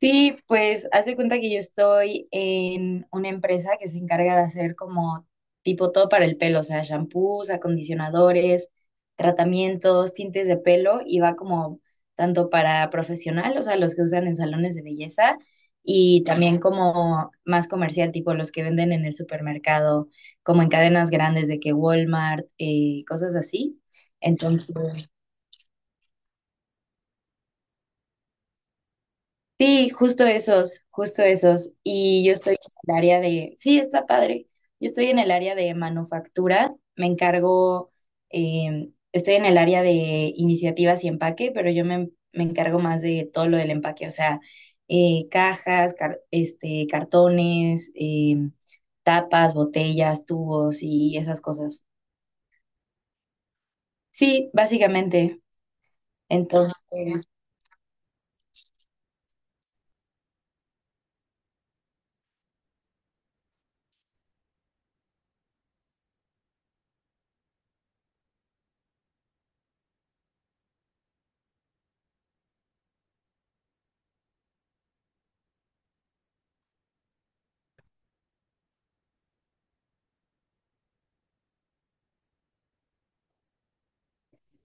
Sí, pues hace cuenta que yo estoy en una empresa que se encarga de hacer como tipo todo para el pelo, o sea, shampoos, acondicionadores, tratamientos, tintes de pelo y va como tanto para profesional, o sea, los que usan en salones de belleza y también como más comercial, tipo los que venden en el supermercado, como en cadenas grandes de que Walmart, cosas así. Entonces, sí, justo esos, justo esos. Y yo estoy en el área de, sí, está padre. Yo estoy en el área de manufactura, estoy en el área de iniciativas y empaque, pero yo me encargo más de todo lo del empaque, o sea, cajas, cartones, tapas, botellas, tubos y esas cosas. Sí, básicamente. Entonces,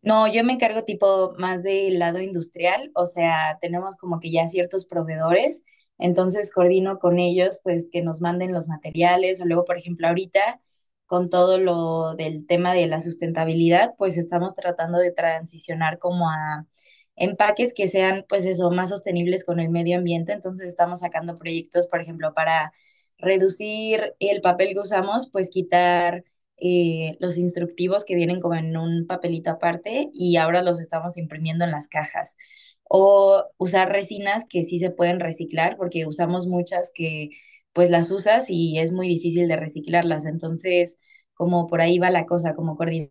no, yo me encargo tipo más del lado industrial, o sea, tenemos como que ya ciertos proveedores, entonces coordino con ellos pues que nos manden los materiales o luego, por ejemplo, ahorita con todo lo del tema de la sustentabilidad, pues estamos tratando de transicionar como a empaques que sean pues eso, más sostenibles con el medio ambiente, entonces estamos sacando proyectos, por ejemplo, para reducir el papel que usamos, pues quitar los instructivos que vienen como en un papelito aparte y ahora los estamos imprimiendo en las cajas. O usar resinas que sí se pueden reciclar porque usamos muchas que pues las usas y es muy difícil de reciclarlas. Entonces, como por ahí va la cosa, como coordinar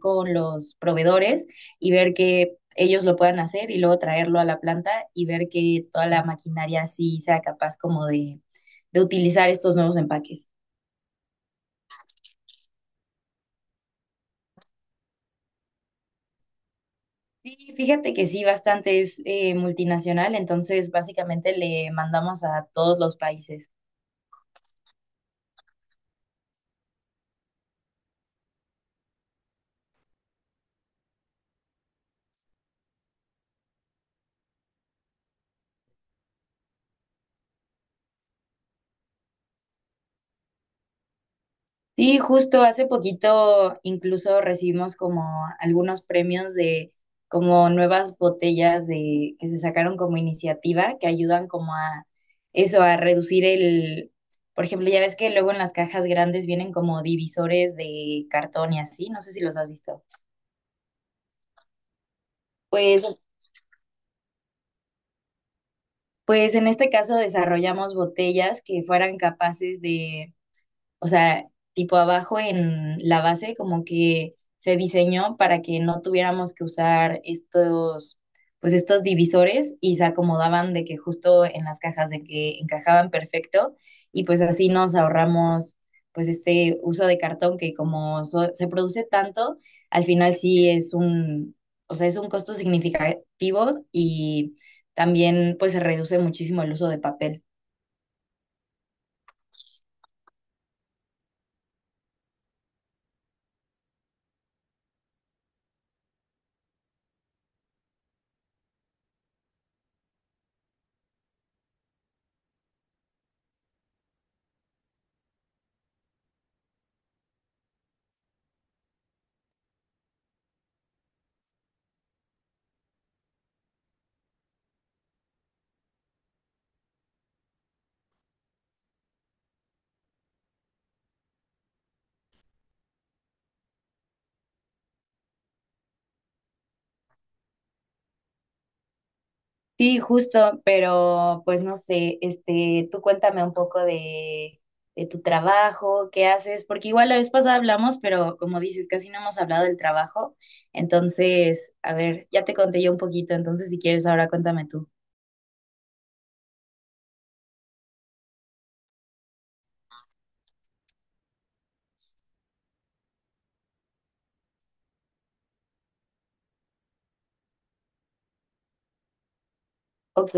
con los proveedores y ver que ellos lo puedan hacer y luego traerlo a la planta y ver que toda la maquinaria sí sea capaz como de utilizar estos nuevos empaques. Sí, fíjate que sí, bastante es multinacional, entonces básicamente le mandamos a todos los países. Sí, justo hace poquito incluso recibimos como algunos premios de como nuevas botellas de que se sacaron como iniciativa que ayudan como a eso, a reducir el, por ejemplo, ya ves que luego en las cajas grandes vienen como divisores de cartón y así, no sé si los has visto. Pues, pues en este caso desarrollamos botellas que fueran capaces de, o sea, tipo abajo en la base como que se diseñó para que no tuviéramos que usar estos, pues estos divisores y se acomodaban de que justo en las cajas de que encajaban perfecto y pues así nos ahorramos pues este uso de cartón que como se produce tanto, al final sí es un, o sea, es un costo significativo y también pues se reduce muchísimo el uso de papel. Sí, justo, pero pues no sé, este, tú cuéntame un poco de tu trabajo, qué haces, porque igual la vez pasada hablamos, pero como dices, casi no hemos hablado del trabajo. Entonces, a ver, ya te conté yo un poquito, entonces si quieres ahora cuéntame tú. Ok.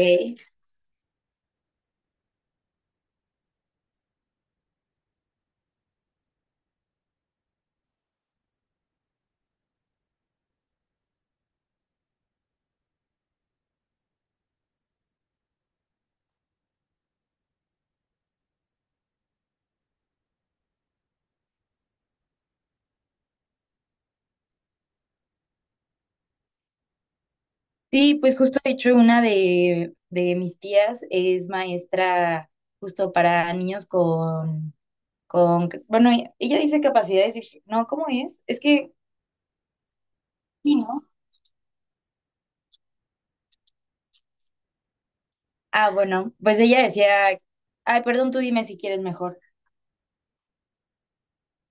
Sí, pues justo de hecho de mis tías es maestra justo para niños con, bueno, ella dice capacidades, dif- no, ¿cómo es? Es que, sí, ¿no? Ah, bueno, pues ella decía, ay, perdón, tú dime si quieres mejor.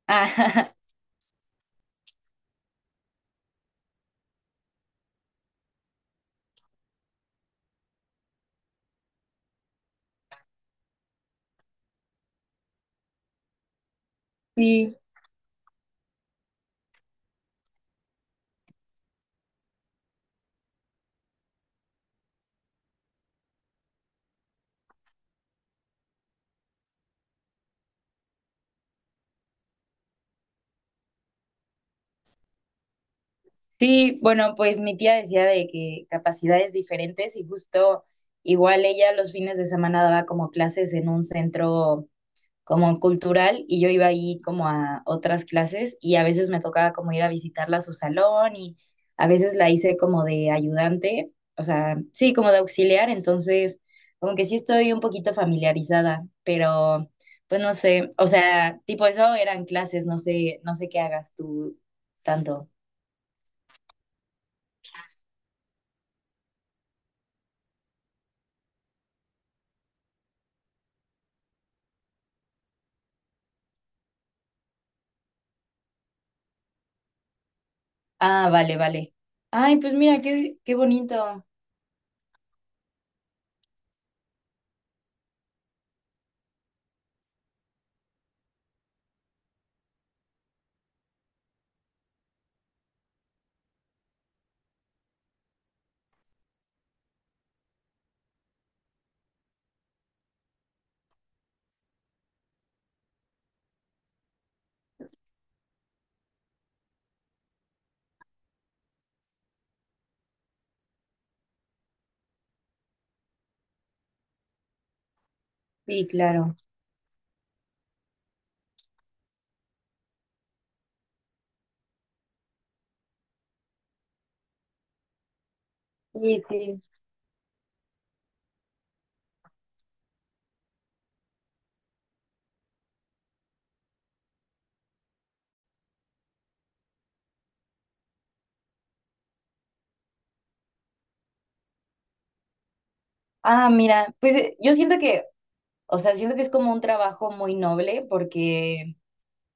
Ah, sí, bueno, pues mi tía decía de que capacidades diferentes y justo igual ella los fines de semana daba como clases en un centro como cultural y yo iba ahí como a otras clases y a veces me tocaba como ir a visitarla a su salón y a veces la hice como de ayudante, o sea, sí, como de auxiliar, entonces como que sí estoy un poquito familiarizada, pero pues no sé, o sea, tipo eso eran clases, no sé, no sé qué hagas tú tanto. Ah, vale, vale. Ay, pues mira, qué, qué bonito. Sí, claro. Sí, sí. Ah, mira, pues yo siento que, o sea, siento que es como un trabajo muy noble porque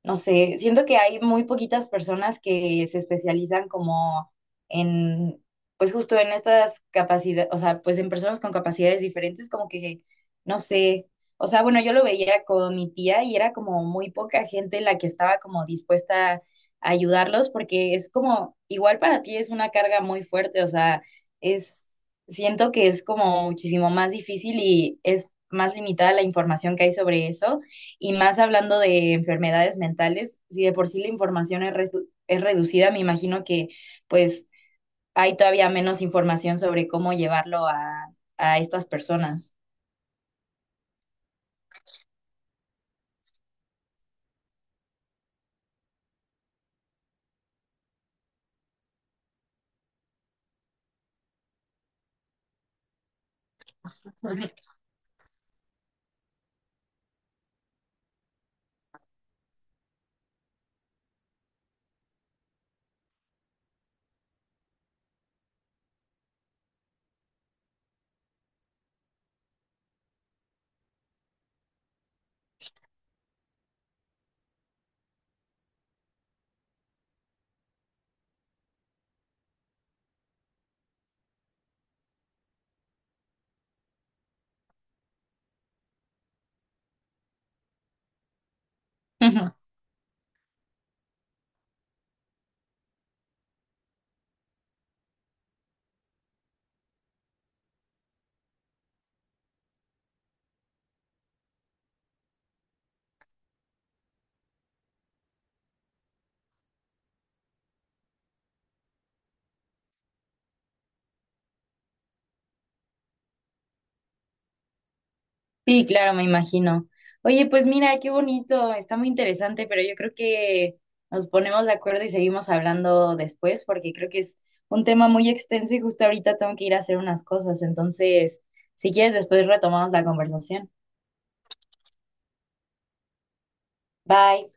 no sé, siento que hay muy poquitas personas que se especializan como en, pues justo en estas capacidades, o sea, pues en personas con capacidades diferentes, como que, no sé, o sea, bueno, yo lo veía con mi tía y era como muy poca gente la que estaba como dispuesta a ayudarlos, porque es como, igual para ti es una carga muy fuerte, o sea, es, siento que es como muchísimo más difícil y es más limitada la información que hay sobre eso y más hablando de enfermedades mentales, si de por sí la información es, redu es reducida, me imagino que pues hay todavía menos información sobre cómo a estas personas. Sí, claro, me imagino. Oye, pues mira, qué bonito, está muy interesante, pero yo creo que nos ponemos de acuerdo y seguimos hablando después, porque creo que es un tema muy extenso y justo ahorita tengo que ir a hacer unas cosas. Entonces, si quieres, después retomamos la conversación. Bye.